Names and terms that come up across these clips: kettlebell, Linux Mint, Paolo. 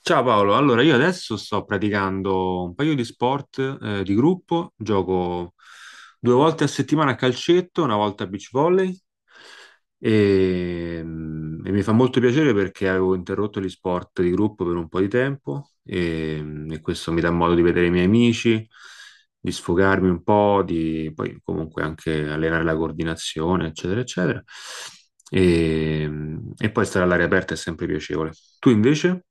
Ciao Paolo, allora io adesso sto praticando un paio di sport di gruppo, gioco due volte a settimana a calcetto, una volta a beach volley e mi fa molto piacere perché avevo interrotto gli sport di gruppo per un po' di tempo e questo mi dà modo di vedere i miei amici, di sfogarmi un po', di poi comunque anche allenare la coordinazione, eccetera, eccetera. E poi stare all'aria aperta è sempre piacevole. Tu invece?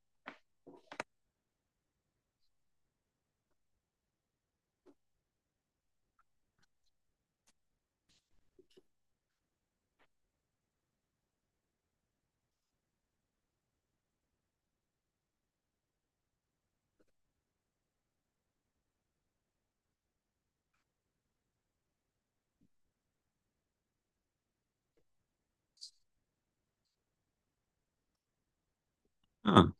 Ah.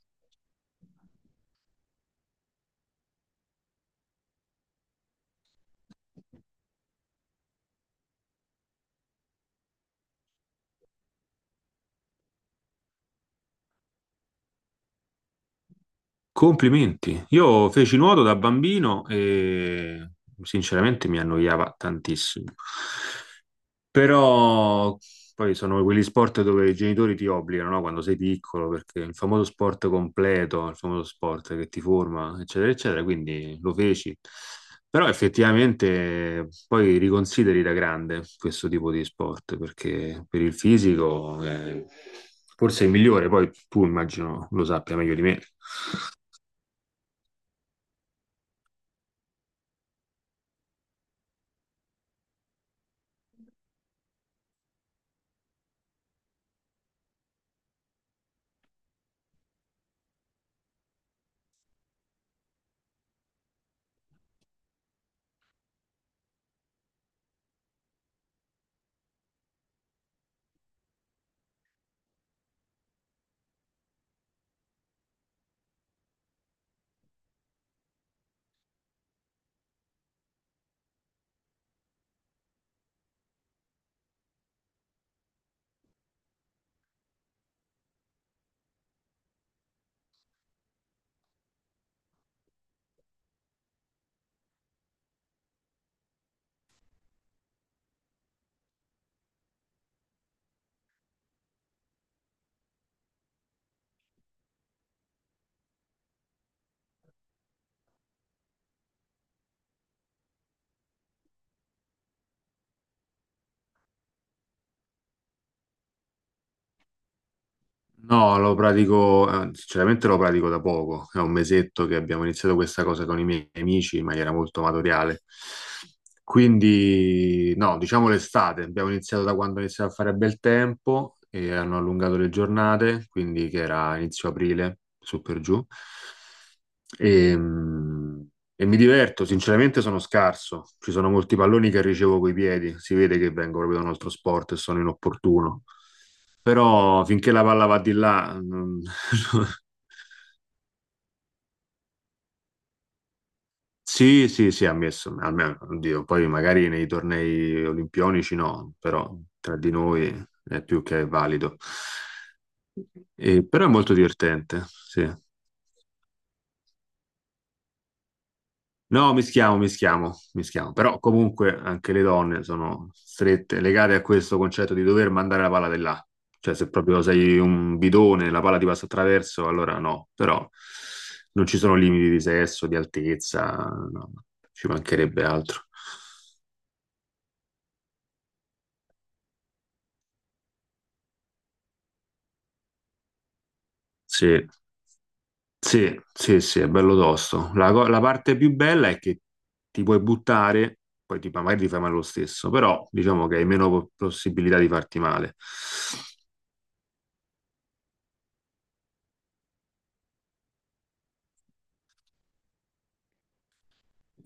Complimenti. Io feci nuoto da bambino e sinceramente mi annoiava tantissimo. Però poi sono quegli sport dove i genitori ti obbligano, no? Quando sei piccolo, perché il famoso sport completo, il famoso sport che ti forma, eccetera, eccetera, quindi lo feci. Però effettivamente poi riconsideri da grande questo tipo di sport, perché per il fisico è forse è il migliore, poi tu immagino lo sappia meglio di me. No, lo pratico, sinceramente lo pratico da poco, è un mesetto che abbiamo iniziato questa cosa con i miei amici in maniera molto amatoriale. Quindi, no, diciamo l'estate, abbiamo iniziato da quando iniziava a fare bel tempo e hanno allungato le giornate, quindi che era inizio aprile, su per giù. E, mm, e mi diverto, sinceramente sono scarso, ci sono molti palloni che ricevo coi piedi, si vede che vengo proprio da un altro sport e sono inopportuno. Però finché la palla va di là. Sì, sì, sì, ammesso, almeno, oddio, poi magari nei tornei olimpionici no, però tra di noi è più che valido. E- però è molto divertente, sì. No, mischiamo, mischiamo, mischiamo. Però comunque anche le donne sono strette, legate a questo concetto di dover mandare la palla di là. Cioè, se proprio sei un bidone, la palla ti passa attraverso, allora no. Però non ci sono limiti di sesso, di altezza, no, ci mancherebbe altro. Sì, sì, sì, sì, è bello tosto. La parte più bella è che ti puoi buttare, poi ti, magari ti fai male lo stesso, però diciamo che hai meno possibilità di farti male.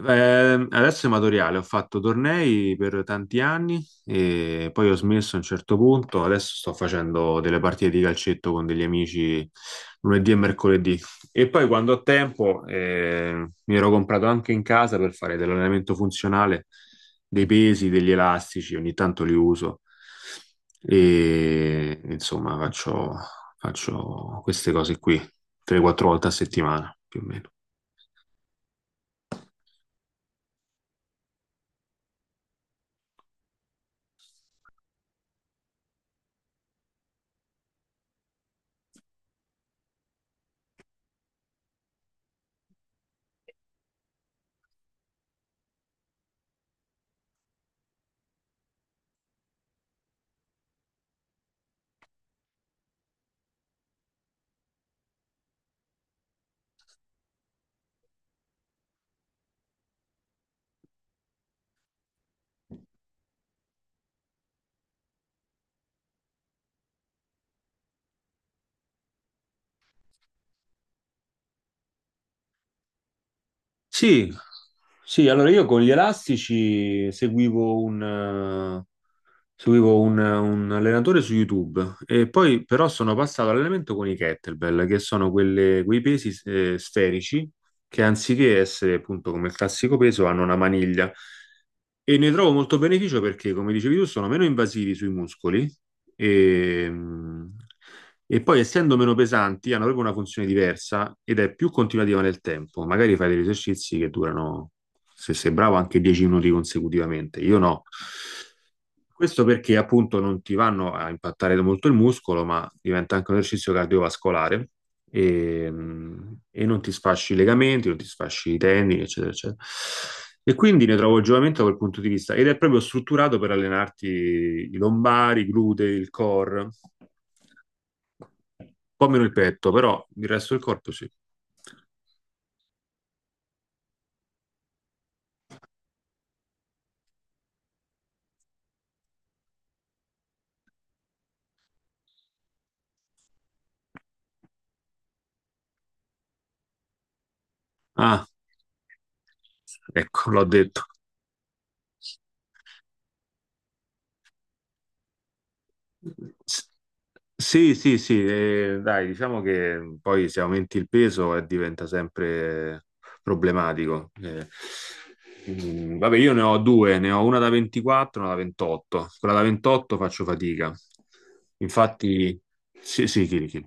Adesso è amatoriale, ho fatto tornei per tanti anni e poi ho smesso a un certo punto. Adesso sto facendo delle partite di calcetto con degli amici lunedì e mercoledì. E poi quando ho tempo, mi ero comprato anche in casa per fare dell'allenamento funzionale, dei pesi, degli elastici, ogni tanto li uso. E insomma, faccio, faccio queste cose qui 3-4 volte a settimana più o meno. Sì, sì, allora io con gli elastici seguivo un allenatore su YouTube e poi però sono passato all'allenamento con i kettlebell, che sono quei pesi sferici che anziché essere appunto come il classico peso hanno una maniglia. E ne trovo molto beneficio perché, come dicevi tu, sono meno invasivi sui muscoli e, e poi, essendo meno pesanti, hanno proprio una funzione diversa ed è più continuativa nel tempo. Magari fai degli esercizi che durano, se sei bravo, anche 10 minuti consecutivamente. Io no. Questo perché appunto non ti vanno a impattare molto il muscolo, ma diventa anche un esercizio cardiovascolare e non ti sfasci i legamenti, non ti sfasci i tendini, eccetera, eccetera. E quindi ne trovo il giovamento da quel punto di vista ed è proprio strutturato per allenarti i lombari, i glutei, il core, un po' meno il petto, però il resto del corpo sì. Ah, ecco, l'ho detto. S- Sì, sì, sì, dai, diciamo che poi se aumenti il peso diventa sempre problematico. Vabbè, io ne ho due, ne ho una da 24 e una da 28. Quella da 28 faccio fatica. Infatti, sì, sì, chili, chili.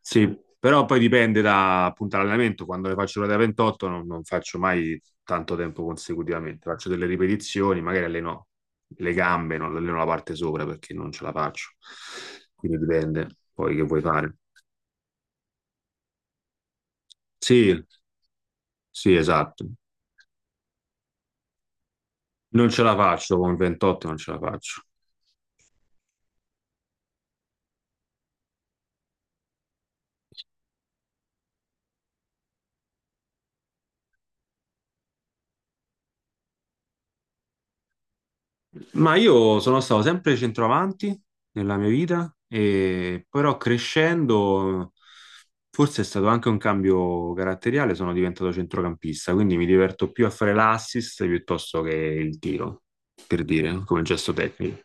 Sì, però poi dipende da appunto l'allenamento. Quando le faccio ore da 28 non faccio mai tanto tempo consecutivamente. Faccio delle ripetizioni, magari alleno le gambe, non alleno la parte sopra perché non ce la faccio. Quindi dipende poi che vuoi fare. Sì, sì, esatto. Non ce la faccio con 28, non ce la faccio. Ma io sono stato sempre centravanti nella mia vita, e però crescendo, forse è stato anche un cambio caratteriale, sono diventato centrocampista, quindi mi diverto più a fare l'assist piuttosto che il tiro, per dire, come gesto tecnico.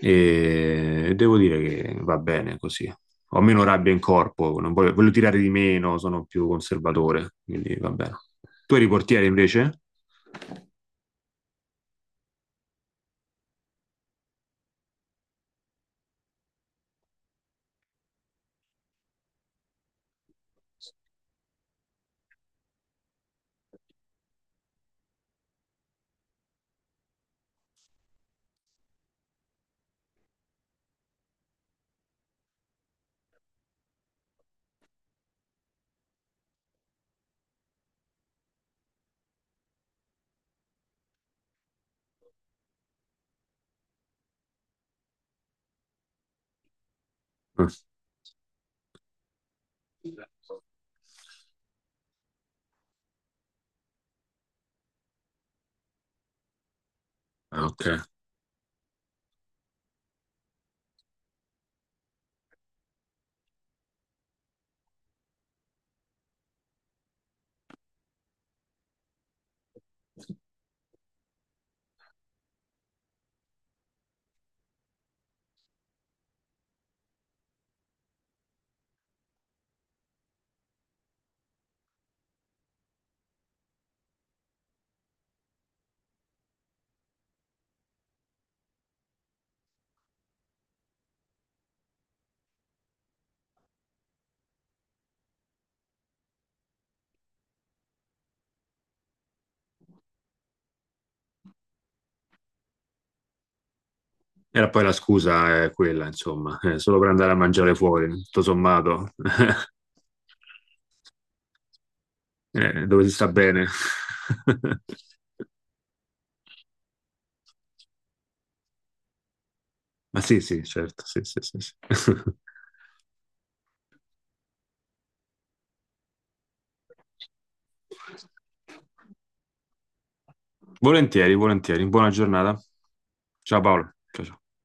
E devo dire che va bene così. Ho meno rabbia in corpo, non voglio, voglio tirare di meno, sono più conservatore, quindi va bene. Tu eri portiere invece? Mm. Ah, ok. Era poi la scusa è quella, insomma, solo per andare a mangiare fuori, tutto sommato. Dove si sta bene. Ma sì, sì, certo, sì, sì, sì, sì. Volentieri, volentieri. Buona giornata. Ciao Paolo. Ciao, ciao.